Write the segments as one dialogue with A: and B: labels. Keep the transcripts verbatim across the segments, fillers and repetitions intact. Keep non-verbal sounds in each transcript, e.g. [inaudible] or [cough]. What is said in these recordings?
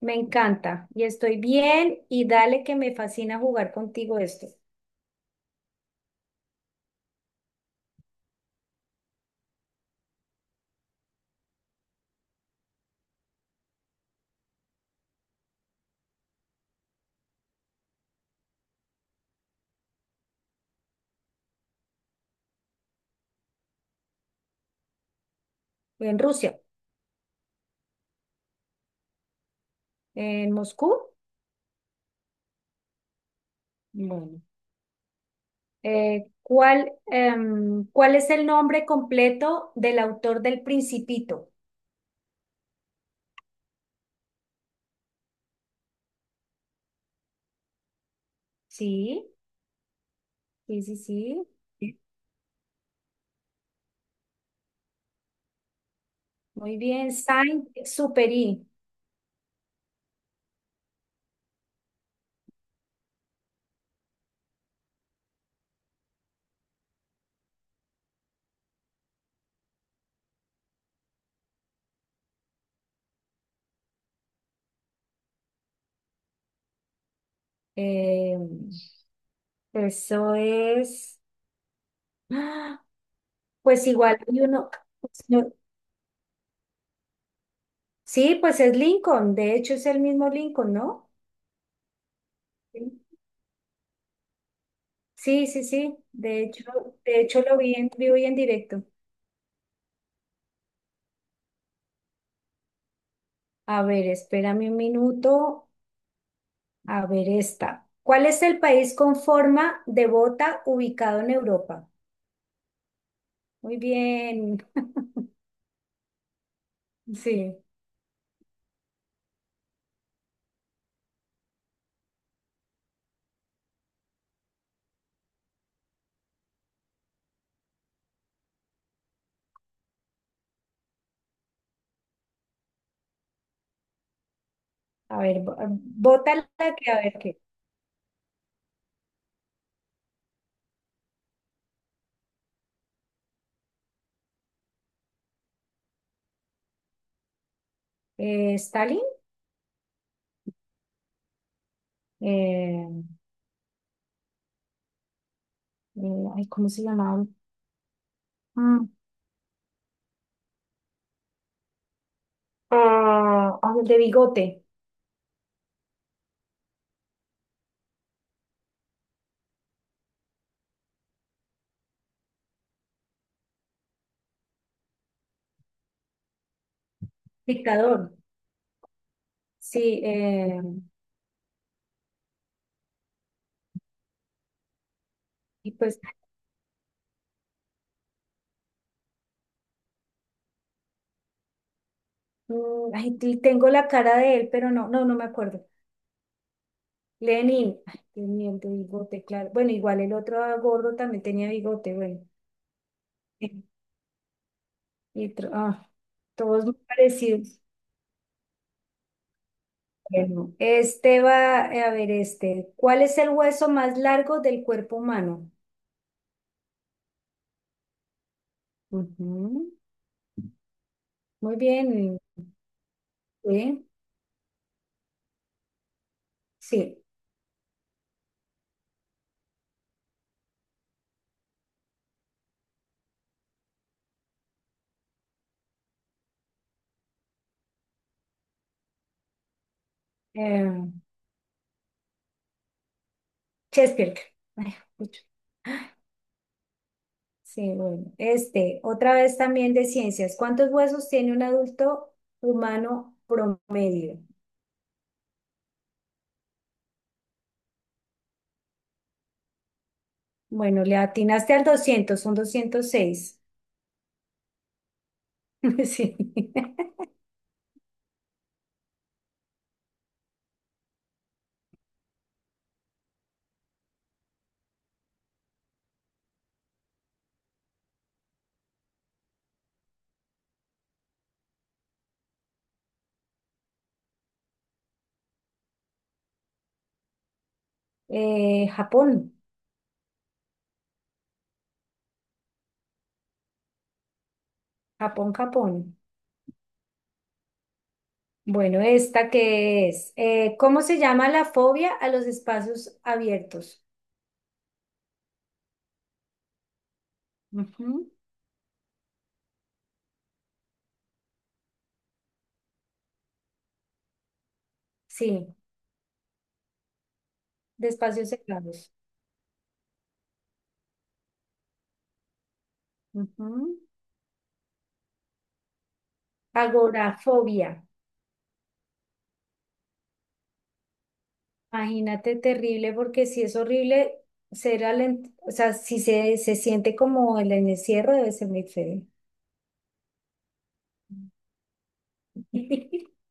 A: Me encanta y estoy bien, y dale, que me fascina jugar contigo esto. En Rusia, en Moscú. Bueno. Eh, ¿cuál, em, ¿cuál es el nombre completo del autor del Principito? Sí, sí, sí, sí. Sí. Muy bien, Saint-Exupéry. Em, eso es. ¡Ah! Pues igual hay uno. Pues no. Sí, pues es Lincoln. De hecho, es el mismo Lincoln, ¿no? Sí. Sí, sí, sí. De hecho, de hecho lo vi en vivo y en directo. A ver, espérame un minuto. A ver esta. ¿Cuál es el país con forma de bota ubicado en Europa? Muy bien. [laughs] Sí. A ver, bo- bota la que, a ver qué. Eh, Stalin. Eh, eh, ay, ¿cómo se llamaba? Mm. Ah, ah, el de bigote. Dictador. Sí. Eh, y pues, mm, ay, tengo la cara de él, pero no, no, no me acuerdo. Lenin, ay, qué mierda, bigote, claro. Bueno, igual el otro gordo también tenía bigote, bueno. Y otro- ah, Todos muy parecidos. Bueno, este va, eh, a ver, este. ¿Cuál es el hueso más largo del cuerpo humano? Ujú. Muy bien, sí. Sí. Eh, Chesterfield. Ay, pucha. Sí, bueno. Este, otra vez también de ciencias. ¿Cuántos huesos tiene un adulto humano promedio? Bueno, le atinaste al doscientos, son doscientos seis. [laughs] Sí. Eh, Japón, Japón, Japón. Bueno, esta qué es. Eh, ¿cómo se llama la fobia a los espacios abiertos? Ujú. Sí, de espacios cerrados. Ujú. Agorafobia. Imagínate, terrible, porque si es horrible ser alen- o sea, si se, se siente como el encierro, debe ser muy feo. [laughs]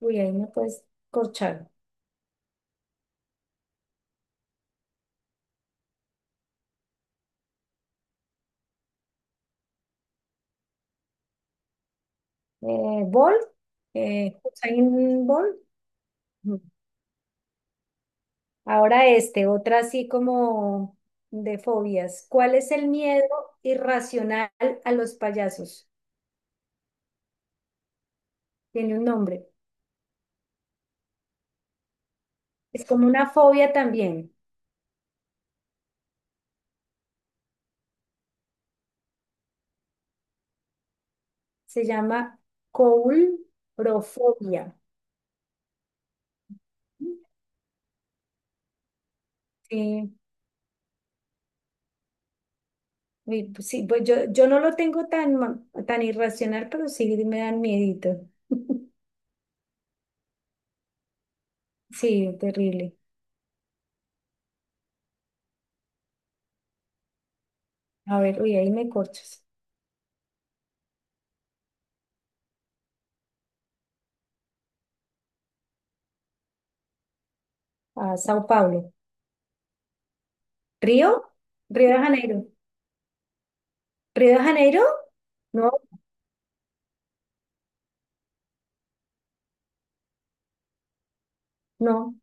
A: Uy, ahí me puedes corchar. eh, Bolt, eh, Usain Bolt. Ujú. Ahora este, otra así como de fobias. ¿Cuál es el miedo irracional a los payasos? Tiene un nombre. Es como una fobia también. Se llama coulrofobia. Sí, uy, pues sí, pues yo, yo no lo tengo tan, ma- tan irracional, pero sí me dan miedito. [laughs] Sí, terrible. A ver, uy, ahí me corchas. A Sao Paulo. ¿Río? Río de Janeiro. ¿Río de Janeiro? No, no.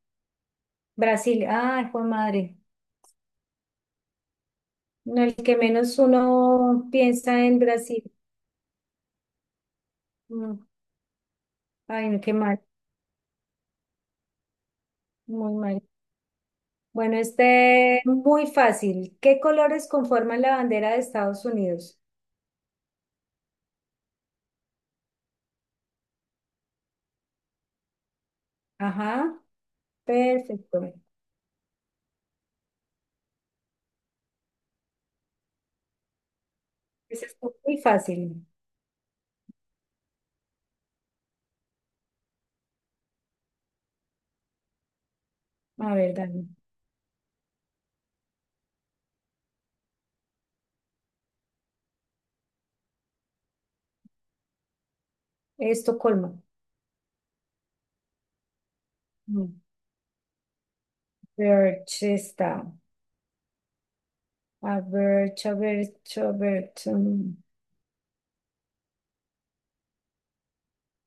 A: Brasil. Ay, fue madre. No, el que menos uno piensa en Brasil. Mm. Ay, no, qué mal. Muy mal. Bueno, este muy fácil. ¿Qué colores conforman la bandera de Estados Unidos? Ajá, perfecto. Ese es muy fácil. A ver, Dani. Estocolmo. Mm. Birch está. A ver, a ver, a ver. Mm.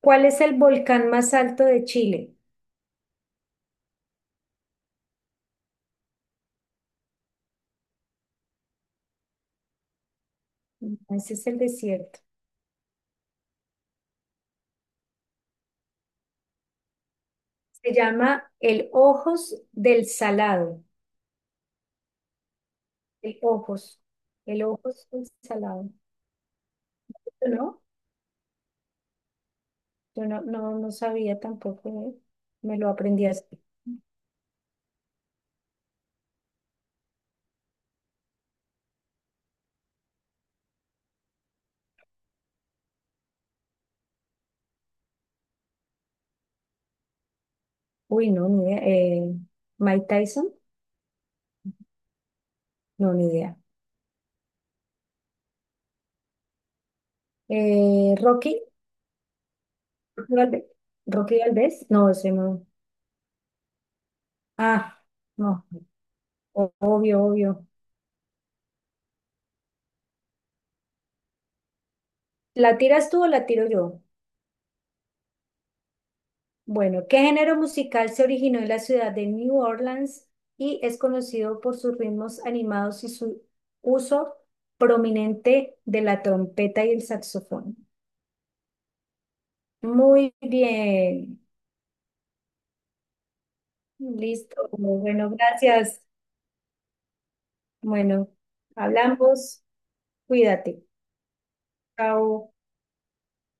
A: ¿Cuál es el volcán más alto de Chile? No, ese es el desierto. Se llama el Ojos del Salado. El Ojos. El Ojos del Salado. ¿No? Yo no, no, no sabía tampoco, ¿eh? Me lo aprendí así. Uy, no, ni idea. Eh, Mike Tyson, no, ni idea. Eh, Rocky, Rocky Valde- Rocky Valdés, no, ese no. Ah, no. O- obvio, obvio. ¿La tiras tú o la tiro yo? Bueno, ¿qué género musical se originó en la ciudad de New Orleans y es conocido por sus ritmos animados y su uso prominente de la trompeta y el saxofón? Muy bien, listo. Bueno, gracias. Bueno, hablamos. Cuídate. Chao.